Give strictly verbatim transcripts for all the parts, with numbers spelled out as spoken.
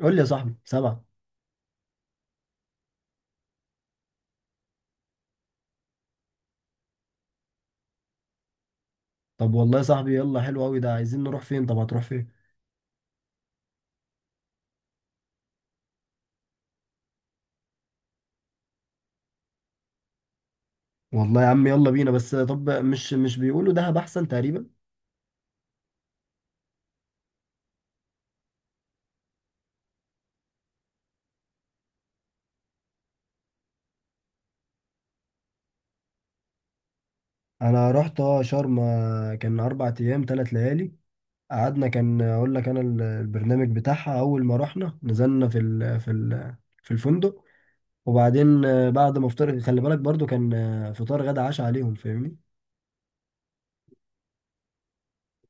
قول لي يا صاحبي سبعة. طب والله يا صاحبي يلا، حلو قوي ده. عايزين نروح فين؟ طب هتروح فين؟ والله يا عم يلا بينا، بس طب مش مش بيقولوا دهب احسن تقريبا. انا رحت اه شرم، آه، كان اربع ايام ثلاث ليالي. قعدنا، كان آه، اقول لك انا ال- البرنامج بتاعها. اول ما رحنا نزلنا في ال في ال في الفندق. وبعدين آه، بعد ما افطر، خلي بالك برضو كان آه، فطار غدا عشاء عليهم، فاهمني.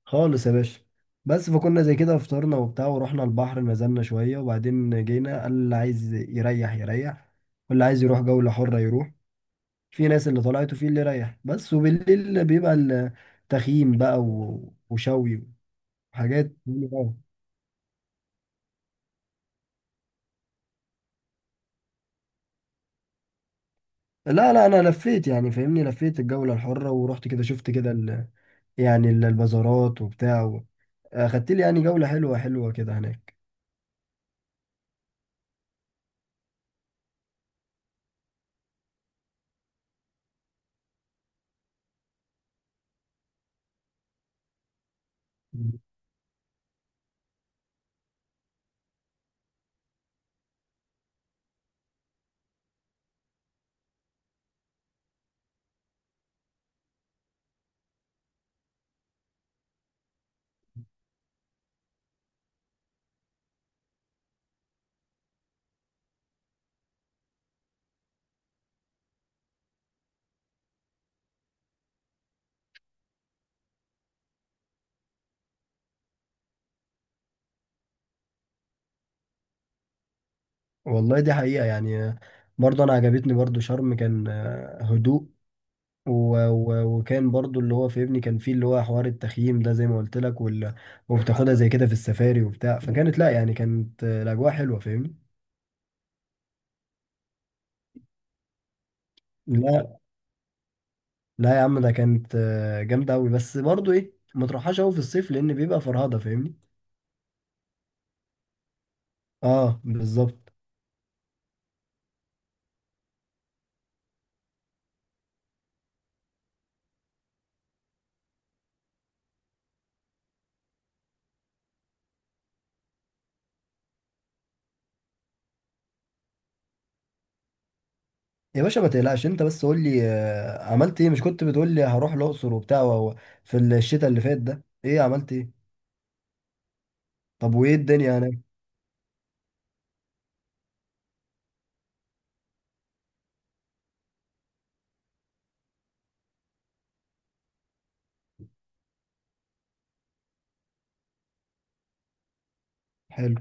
خالص يا باشا. بس فكنا زي كده، فطرنا وبتاع، ورحنا البحر نزلنا شوية. وبعدين جينا، قال اللي عايز يريح يريح، واللي عايز يروح جولة حرة يروح. في ناس اللي طلعت وفي اللي ريح بس، وبالليل بيبقى التخييم بقى و- وشوي وحاجات يعني اه. لا، لا، انا لفيت يعني، فاهمني. لفيت الجولة الحرة ورحت كده، شفت كده ال- يعني ال- البازارات وبتاع و- اخدت لي يعني جولة حلوة حلوة كده هناك. والله دي حقيقة يعني. برضه أنا عجبتني برضه شرم، كان آه، هدوء. و... و... وكان برضه اللي هو فاهمني كان فيه اللي هو حوار التخييم ده، زي ما قلت لك. وال... وبتاخدها زي كده في السفاري وبتاع. فكانت لا يعني، كانت آه، الأجواء حلوة، فاهمني. لا. لا يا عم، ده كانت آه، جامدة أوي. بس برضه إيه، ما تروحهاش أوي في الصيف لأن بيبقى فرهضة، فاهمني. أه بالظبط. يا باشا ما تقلقش، أنت بس قول لي آه، عملت إيه؟ مش كنت بتقول لي هروح الأقصر وبتاع و... في الشتاء اللي فات ده إيه عملت إيه؟ طب وإيه الدنيا هناك؟ حلو.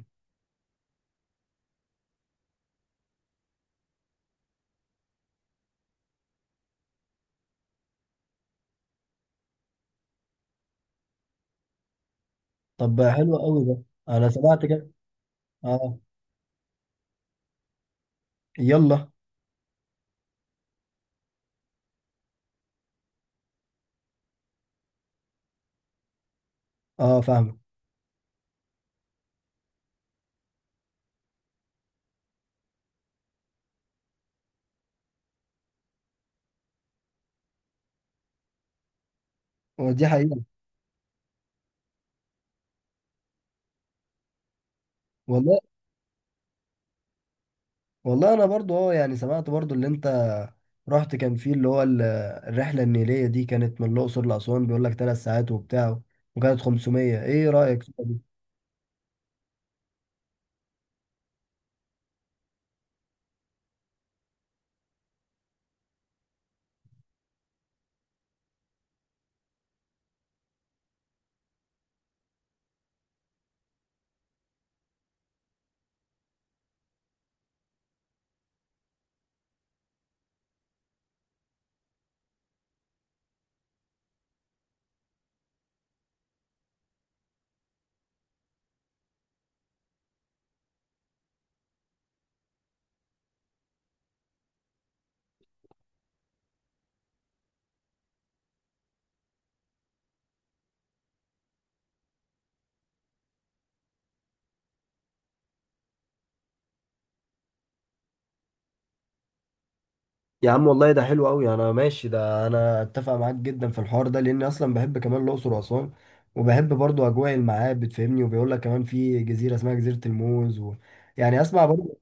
طب حلو قوي ده. انا سمعت كده. اه. يلا. اه، فاهمك. ودي حقيقة. والله. والله انا برضو اه يعني سمعت برضو اللي انت رحت. كان فيه اللي هو ال- الرحلة النيلية دي كانت من الأقصر لأسوان، بيقول لك ثلاث ساعات وبتاع، وكانت خمسمية. ايه رأيك فيها دي؟ يا عم والله ده حلو قوي، انا ماشي ده. انا اتفق معاك جدا في الحوار ده، لاني اصلا بحب كمان الأقصر وأسوان، وبحب برضو اجواء المعابد، فاهمني. وبيقول لك كمان في جزيرة اسمها جزيرة الموز و... يعني اسمع برضو.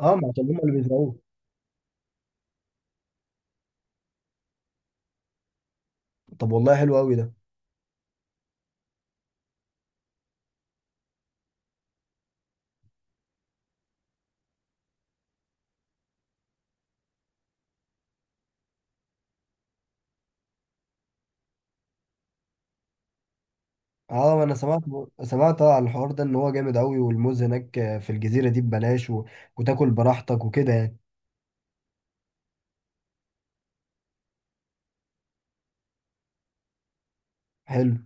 اه، ما عشان هم اللي بيزرعوه. طب والله حلو قوي ده. اه، انا سمعت، سمعت على الحوار ده ان هو جامد قوي، والموز هناك في الجزيره دي ببلاش و... وتاكل براحتك وكده يعني. حلو.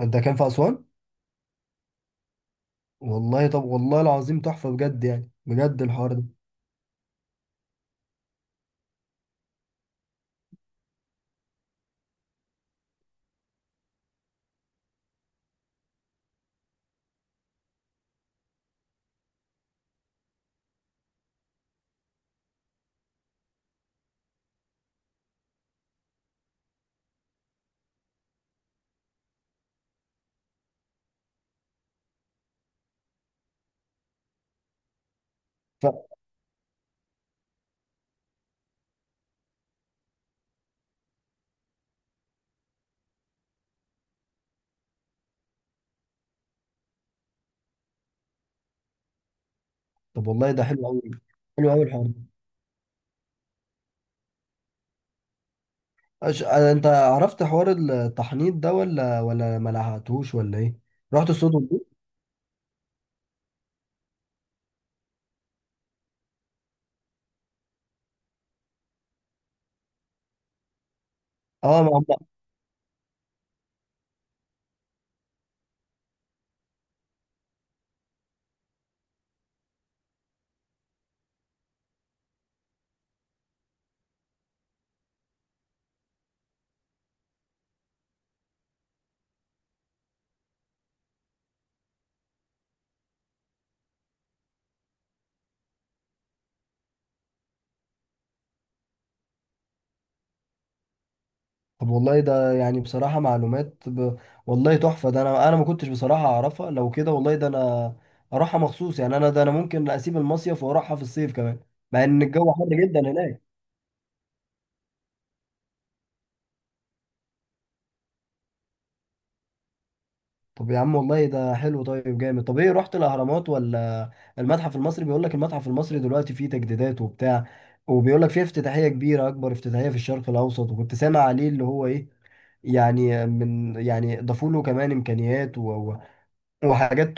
انت كان في اسوان؟ والله، طب والله العظيم تحفه بجد، يعني بجد الحوار ده. ف... طب والله ده حلو قوي. حلو قوي الحوار ده. أش... آه، انت عرفت حوار التحنيط ده ولا، ولا ما لحقتوش، ولا ايه؟ رحت الصوت والضوء؟ اه. ما هم. طب والله ده يعني بصراحة معلومات ب... والله تحفة ده. انا انا ما كنتش بصراحة اعرفها. لو كده والله ده انا اروحها مخصوص يعني. انا ده انا ممكن اسيب المصيف واروحها في الصيف كمان، مع ان الجو حر جدا هناك. طب يا عم والله ده حلو، طيب جامد. طب ايه، رحت الاهرامات ولا المتحف المصري؟ بيقول لك المتحف المصري دلوقتي فيه تجديدات وبتاع، وبيقول لك فيه افتتاحية كبيرة، اكبر افتتاحية في الشرق الاوسط. وكنت سامع عليه اللي هو ايه، يعني من يعني ضافوا له كمان امكانيات و... وحاجات.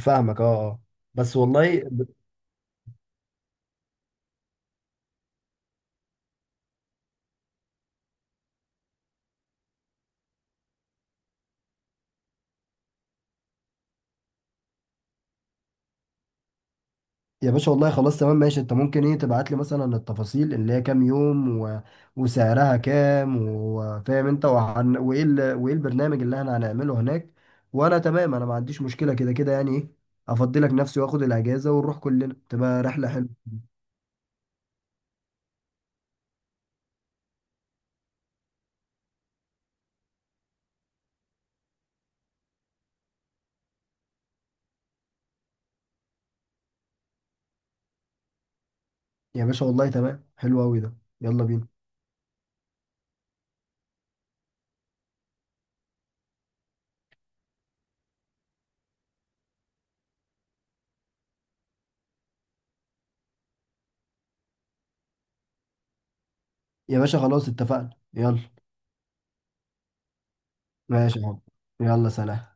فاهمك، اه، اه. بس والله ب- يا باشا والله خلاص تمام ماشي. انت ممكن ايه تبعت لي مثلا التفاصيل اللي هي كام يوم و... وسعرها كام، وفاهم انت وهن... وايه ال... وايه البرنامج اللي احنا هنعمله هناك. وانا تمام، انا ما عنديش مشكلة، كده كده يعني ايه. افضلك نفسي واخد الاجازة ونروح كلنا، تبقى رحلة حلوة. يا باشا والله تمام، حلو قوي ده، يلا بينا. يا باشا خلاص اتفقنا، يلا. ماشي يا حب. يلا سلام